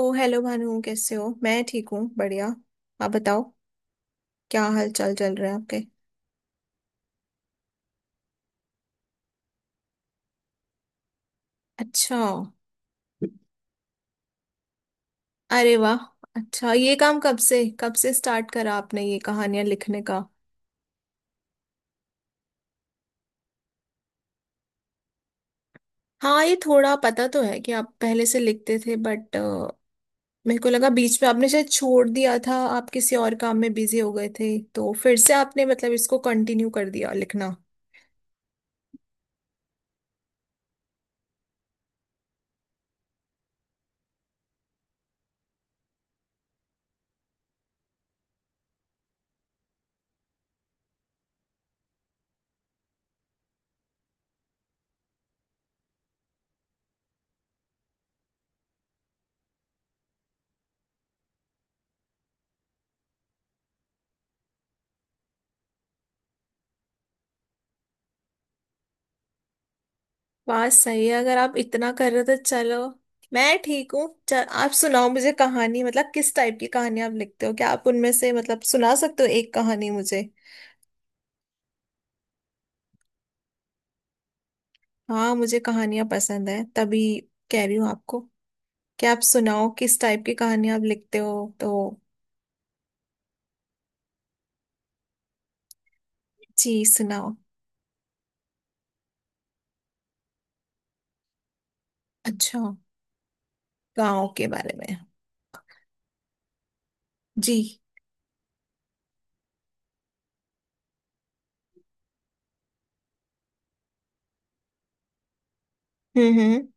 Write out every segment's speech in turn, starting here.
ओ hello Bhanu, कैसे हो? मैं ठीक हूँ, बढ़िया। आप बताओ, क्या हाल चाल चल रहे हैं आपके? अच्छा, अरे वाह। अच्छा, ये काम कब से स्टार्ट करा आपने, ये कहानियां लिखने का? हाँ, ये थोड़ा पता तो है कि आप पहले से लिखते थे, बट मेरे को लगा बीच में आपने शायद छोड़ दिया था, आप किसी और काम में बिजी हो गए थे। तो फिर से आपने मतलब इसको कंटिन्यू कर दिया लिखना। बात सही है, अगर आप इतना कर रहे हो तो चलो। मैं ठीक हूँ। चल, आप सुनाओ मुझे कहानी। मतलब किस टाइप की कहानी आप लिखते हो, क्या आप उनमें से मतलब सुना सकते हो एक कहानी मुझे? हाँ, मुझे कहानियां पसंद है, तभी कह रही हूँ आपको क्या आप सुनाओ किस टाइप की कहानी आप लिखते हो। तो जी सुनाओ। अच्छा, गाँव के बारे में? जी। हम्म।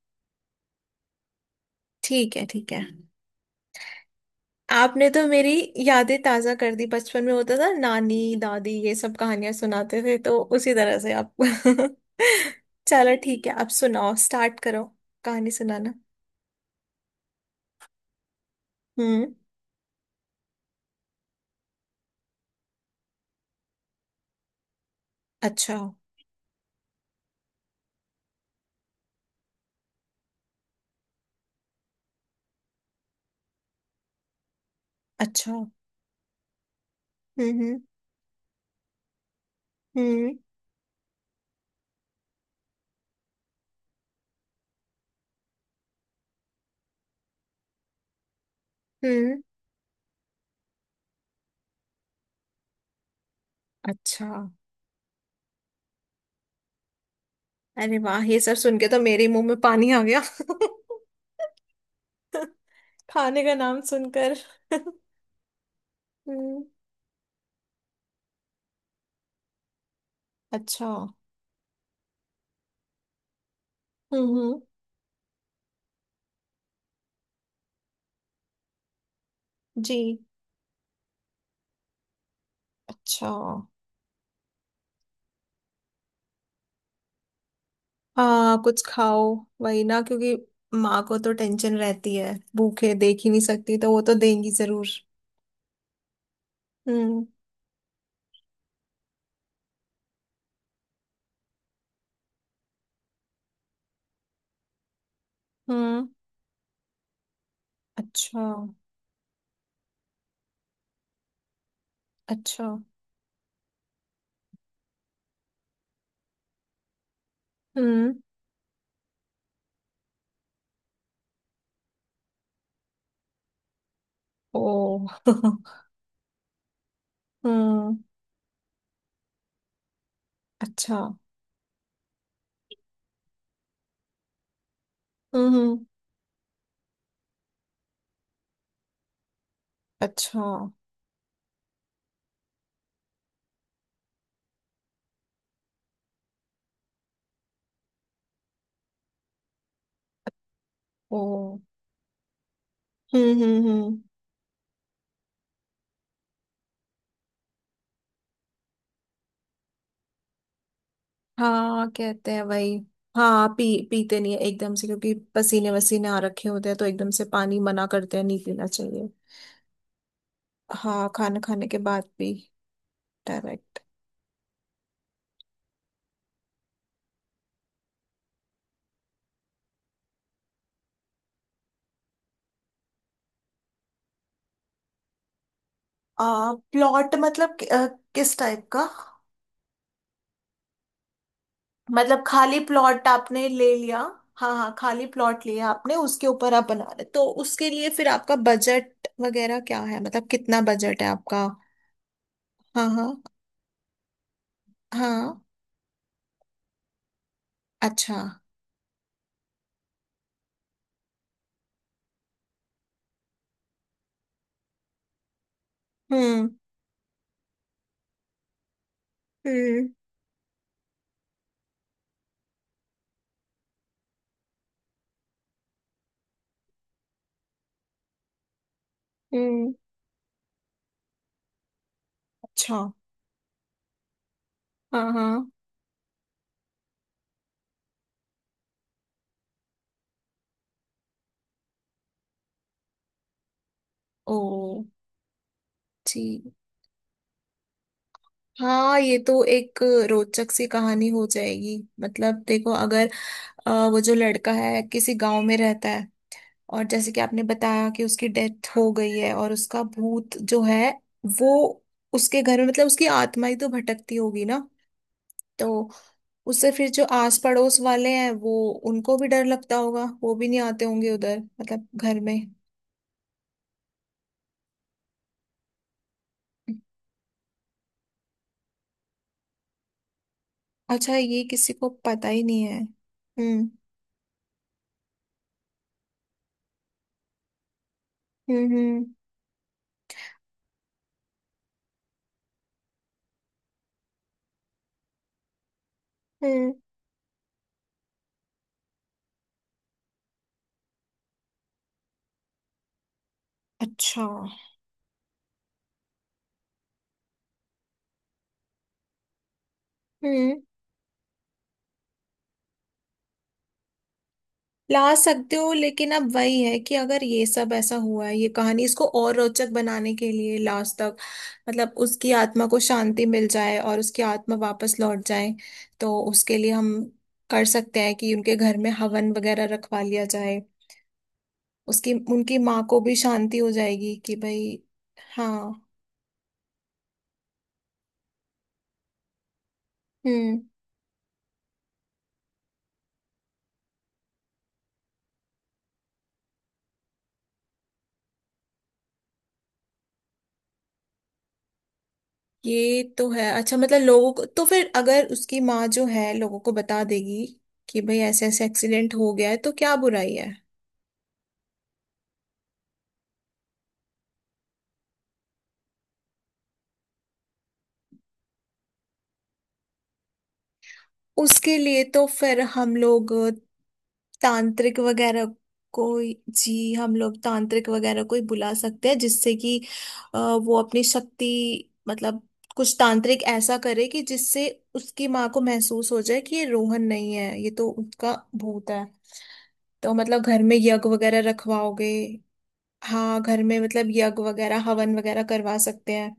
ठीक है, ठीक है। आपने तो मेरी यादें ताजा कर दी, बचपन में होता था नानी दादी ये सब कहानियां सुनाते थे, तो उसी तरह से आप चलो ठीक है, आप सुनाओ, स्टार्ट करो कहानी सुनाना। हम्म। अच्छा। अच्छा। हम्म। हम्म हम्म, अच्छा। अरे वाह, ये सब सुन के तो मेरे मुंह में पानी आ गया। खाने का नाम सुनकर हम्म। अच्छा। हम्म हम्म, जी। अच्छा। हाँ कुछ खाओ, वही ना, क्योंकि माँ को तो टेंशन रहती है, भूखे देख ही नहीं सकती, तो वो तो देंगी जरूर। हम्म। हम्म। अच्छा। अच्छा। हम्म। ओ हम्म। अच्छा। हम्म हम्म, अच्छा। ओ। हम्म। हाँ कहते हैं वही। हाँ पी, पीते नहीं है एकदम से, क्योंकि पसीने वसीने आ रखे होते हैं तो एकदम से पानी मना करते हैं, नहीं पीना चाहिए। हाँ खाना खाने के बाद भी। डायरेक्ट प्लॉट मतलब किस टाइप का? मतलब खाली प्लॉट आपने ले लिया? हाँ हाँ, खाली प्लॉट लिया आपने, उसके ऊपर आप बना रहे, तो उसके लिए फिर आपका बजट वगैरह क्या है, मतलब कितना बजट है आपका? हाँ हाँ हाँ। अच्छा। हम्म। हम्म। हम्म। अच्छा। हाँ हाँ। ओ। ठीक। हाँ, ये तो एक रोचक सी कहानी हो जाएगी। मतलब देखो, अगर वो जो लड़का है किसी गांव में रहता है, और जैसे कि आपने बताया कि उसकी डेथ हो गई है, और उसका भूत जो है वो उसके घर में, मतलब उसकी आत्मा ही तो भटकती होगी ना। तो उससे फिर जो आस पड़ोस वाले हैं, वो उनको भी डर लगता होगा, वो भी नहीं आते होंगे उधर, मतलब घर में। अच्छा, ये किसी को पता ही नहीं है। हम्म। हम्म। हम्म। हम्म, अच्छा। हम्म। ला सकते हो, लेकिन अब वही है कि अगर ये सब ऐसा हुआ है, ये कहानी इसको और रोचक बनाने के लिए लास्ट तक, मतलब उसकी आत्मा को शांति मिल जाए और उसकी आत्मा वापस लौट जाए। तो उसके लिए हम कर सकते हैं कि उनके घर में हवन वगैरह रखवा लिया जाए, उसकी, उनकी माँ को भी शांति हो जाएगी कि भाई। हाँ। हम्म। ये तो है, अच्छा मतलब लोगों को तो फिर अगर उसकी माँ जो है लोगों को बता देगी कि भाई ऐसे ऐसे एक्सीडेंट हो गया है, तो क्या बुराई है। उसके लिए तो फिर हम लोग तांत्रिक वगैरह को, जी हम लोग तांत्रिक वगैरह को ही बुला सकते हैं, जिससे कि वो अपनी शक्ति, मतलब कुछ तांत्रिक ऐसा करे कि जिससे उसकी माँ को महसूस हो जाए कि ये रोहन नहीं है, ये तो उसका भूत है। तो मतलब घर में यज्ञ वगैरह रखवाओगे। हाँ घर में मतलब यज्ञ वगैरह, हवन वगैरह करवा सकते हैं।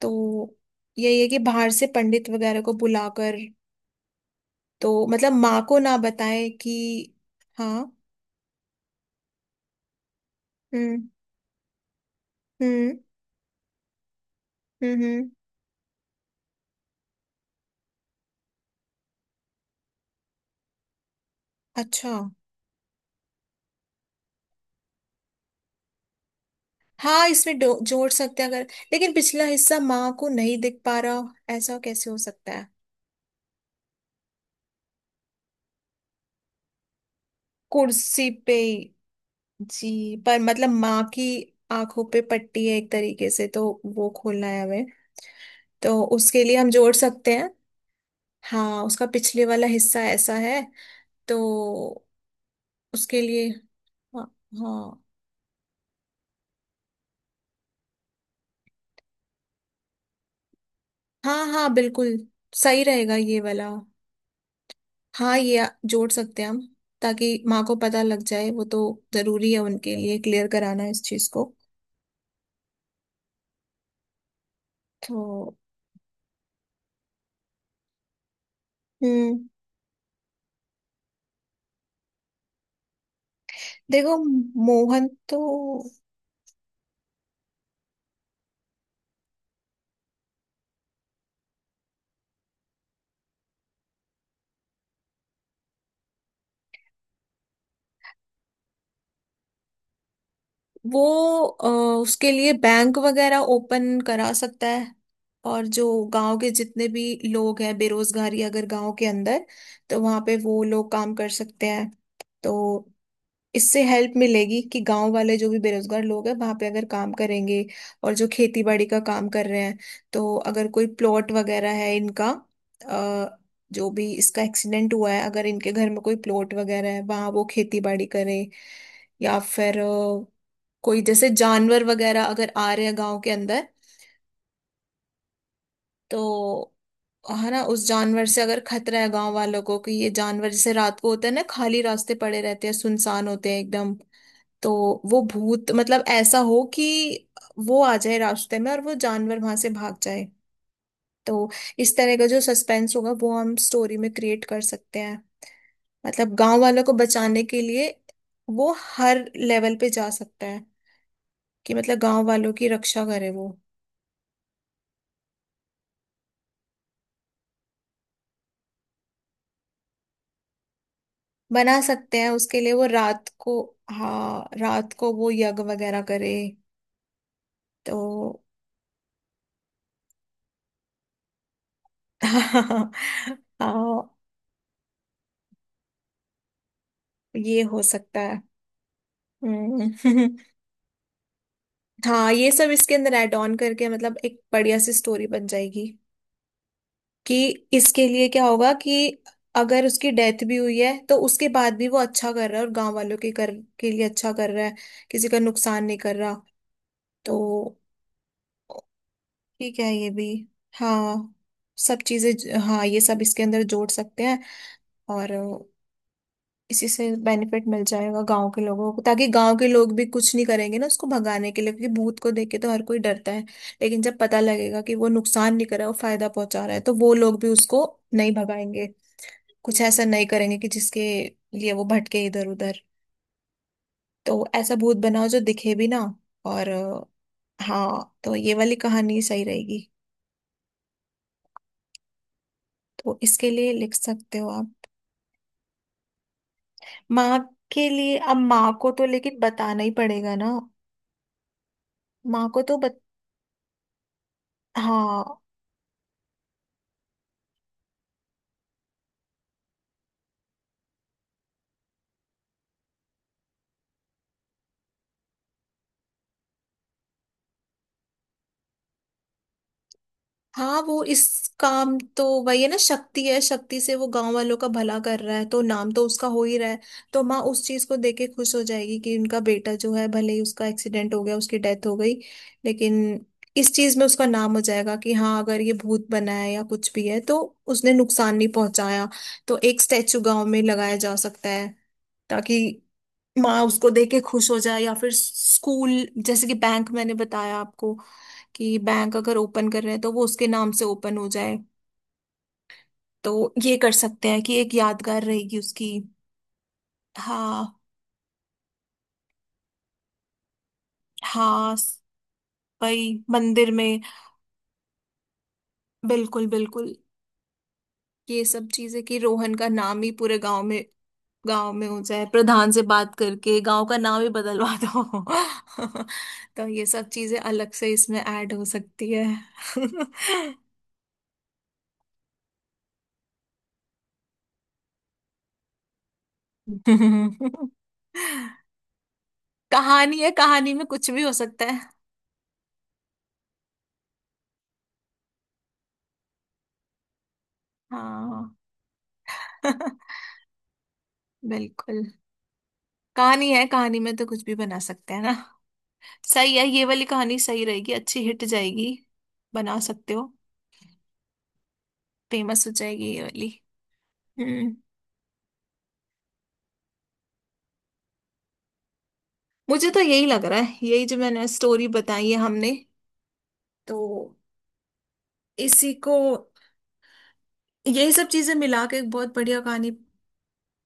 तो यही है कि बाहर से पंडित वगैरह को बुलाकर, तो मतलब माँ को ना बताए कि। हाँ। हम्म। हम्म। हम्म हम्म, अच्छा। हाँ, इसमें जोड़ सकते हैं, अगर लेकिन पिछला हिस्सा माँ को नहीं दिख पा रहा, ऐसा कैसे हो सकता है? कुर्सी पे, जी, पर मतलब माँ की आंखों पे पट्टी है एक तरीके से, तो वो खोलना है हमें, तो उसके लिए हम जोड़ सकते हैं। हाँ, उसका पिछले वाला हिस्सा ऐसा है, तो उसके लिए। हाँ। हाँ। हाँ। हाँ बिल्कुल सही रहेगा ये वाला। हाँ, जोड़ सकते हैं हम, ताकि माँ को पता लग जाए। वो तो जरूरी है उनके लिए क्लियर कराना इस चीज को। तो हम्म, देखो मोहन तो। वो अ, उसके लिए बैंक वगैरह ओपन करा सकता है, और जो गांव के जितने भी लोग हैं, बेरोजगारी अगर गांव के अंदर, तो वहां पे वो लोग काम कर सकते हैं। तो इससे हेल्प मिलेगी कि गांव वाले जो भी बेरोजगार लोग हैं वहां पे अगर काम करेंगे। और जो खेती बाड़ी का काम कर रहे हैं, तो अगर कोई प्लॉट वगैरह है इनका, अ, जो भी इसका एक्सीडेंट हुआ है, अगर इनके घर में कोई प्लॉट वगैरह है, वहां वो खेती बाड़ी करें। या फिर कोई जैसे जानवर वगैरह अगर आ रहे हैं गांव के अंदर, तो है ना, उस जानवर से अगर खतरा है गांव वालों को, कि ये जानवर जैसे रात को होता है ना, खाली रास्ते पड़े रहते हैं, सुनसान होते हैं एकदम, तो वो भूत मतलब ऐसा हो कि वो आ जाए रास्ते में और वो जानवर वहां से भाग जाए। तो इस तरह का जो सस्पेंस होगा वो हम स्टोरी में क्रिएट कर सकते हैं, मतलब गांव वालों को बचाने के लिए। वो हर लेवल पे जा सकता है, कि मतलब गांव वालों की रक्षा करे वो। बना सकते हैं, उसके लिए वो रात को, हाँ रात को वो यज्ञ वगैरह करे। तो हाँ ये हो सकता है। हम्म हाँ ये सब इसके अंदर ऐड ऑन करके मतलब एक बढ़िया सी स्टोरी बन जाएगी, कि इसके लिए क्या होगा कि अगर उसकी डेथ भी हुई है तो उसके बाद भी वो अच्छा कर रहा है, और गांव वालों के कर के लिए अच्छा कर रहा है, किसी का नुकसान नहीं कर रहा। तो ठीक है, ये भी हाँ सब चीजें हाँ ये सब इसके अंदर जोड़ सकते हैं। और इसी से बेनिफिट मिल जाएगा गांव के लोगों को, ताकि गांव के लोग भी कुछ नहीं करेंगे ना उसको भगाने के लिए, क्योंकि भूत को देख के तो हर कोई डरता है, लेकिन जब पता लगेगा कि वो नुकसान नहीं कर रहा, वो फायदा पहुंचा रहा है, तो वो लोग भी उसको नहीं भगाएंगे, कुछ ऐसा नहीं करेंगे कि जिसके लिए वो भटके इधर उधर। तो ऐसा भूत बनाओ जो दिखे भी ना। और हाँ तो ये वाली कहानी सही रहेगी। तो इसके लिए लिख सकते हो आप। माँ के लिए अब माँ को तो लेकिन बताना ही पड़ेगा ना। माँ को तो बत... हाँ। हाँ वो इस काम, तो वही है ना, शक्ति है, शक्ति से वो गांव वालों का भला कर रहा है, तो नाम तो उसका हो ही रहा है। तो माँ उस चीज को देख के खुश हो जाएगी कि उनका बेटा जो है, भले ही उसका एक्सीडेंट हो गया, उसकी डेथ हो गई, लेकिन इस चीज में उसका नाम हो जाएगा कि हाँ अगर ये भूत बना है या कुछ भी है तो उसने नुकसान नहीं पहुंचाया। तो एक स्टैचू गांव में लगाया जा सकता है, ताकि माँ उसको देख के खुश हो जाए, या फिर स्कूल, जैसे कि बैंक मैंने बताया आपको, कि बैंक अगर ओपन कर रहे हैं तो वो उसके नाम से ओपन हो जाए। तो ये कर सकते हैं कि एक यादगार रहेगी उसकी। हाँ। हाँ भाई, मंदिर में, बिल्कुल बिल्कुल। ये सब चीजें कि रोहन का नाम ही पूरे गांव में, गांव में हो जाए, प्रधान से बात करके गांव का नाम ही बदलवा दो तो ये सब चीजें अलग से इसमें ऐड हो सकती है। कहानी है, कहानी में कुछ भी हो सकता है। हाँ बिल्कुल। कहानी है, कहानी में तो कुछ भी बना सकते हैं ना। सही है, ये वाली कहानी सही रहेगी, अच्छी हिट जाएगी। बना सकते हो। फेमस हो जाएगी ये वाली। हम्म। मुझे तो यही लग रहा है, यही जो मैंने स्टोरी बताई है हमने, तो इसी को, यही सब चीजें मिला के एक बहुत बढ़िया कहानी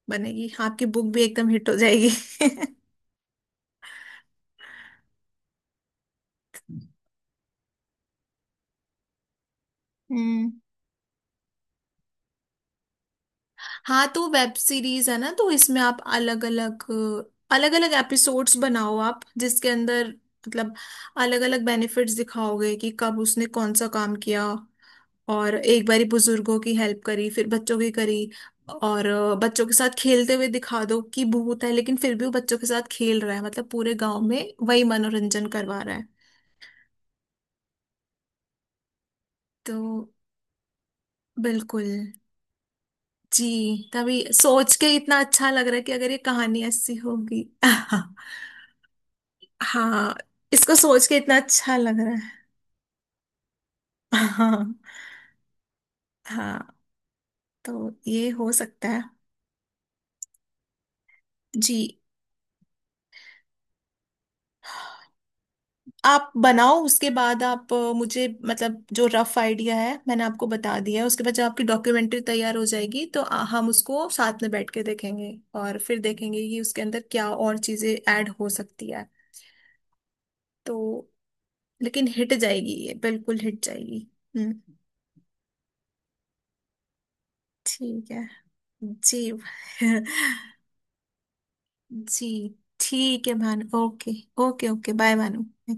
बनेगी, आपकी बुक भी एकदम हिट हो जाएगी। हम्म। हाँ तो वेब सीरीज है ना, तो इसमें आप अलग अलग, अलग अलग एपिसोड्स बनाओ आप, जिसके अंदर मतलब अलग अलग बेनिफिट्स दिखाओगे कि कब उसने कौन सा काम किया। और एक बारी बुजुर्गों की हेल्प करी, फिर बच्चों की करी, और बच्चों के साथ खेलते हुए दिखा दो कि भूत है लेकिन फिर भी वो बच्चों के साथ खेल रहा है, मतलब पूरे गांव में वही मनोरंजन करवा रहा है। तो बिल्कुल। जी, तभी सोच के इतना अच्छा लग रहा है कि अगर ये कहानी ऐसी होगी हाँ इसको सोच के इतना अच्छा लग रहा है। हाँ। हाँ तो ये हो सकता है। जी, आप बनाओ, उसके बाद आप मुझे, मतलब जो रफ आइडिया है मैंने आपको बता दिया है, उसके बाद जब आपकी डॉक्यूमेंट्री तैयार हो जाएगी, तो हम उसको साथ में बैठ के देखेंगे, और फिर देखेंगे कि उसके अंदर क्या और चीजें ऐड हो सकती है। तो लेकिन हिट जाएगी ये, बिल्कुल हिट जाएगी। हम्म। ठीक है। जी जी ठीक है Bhanu, okay. Okay okay, bye Bhanu.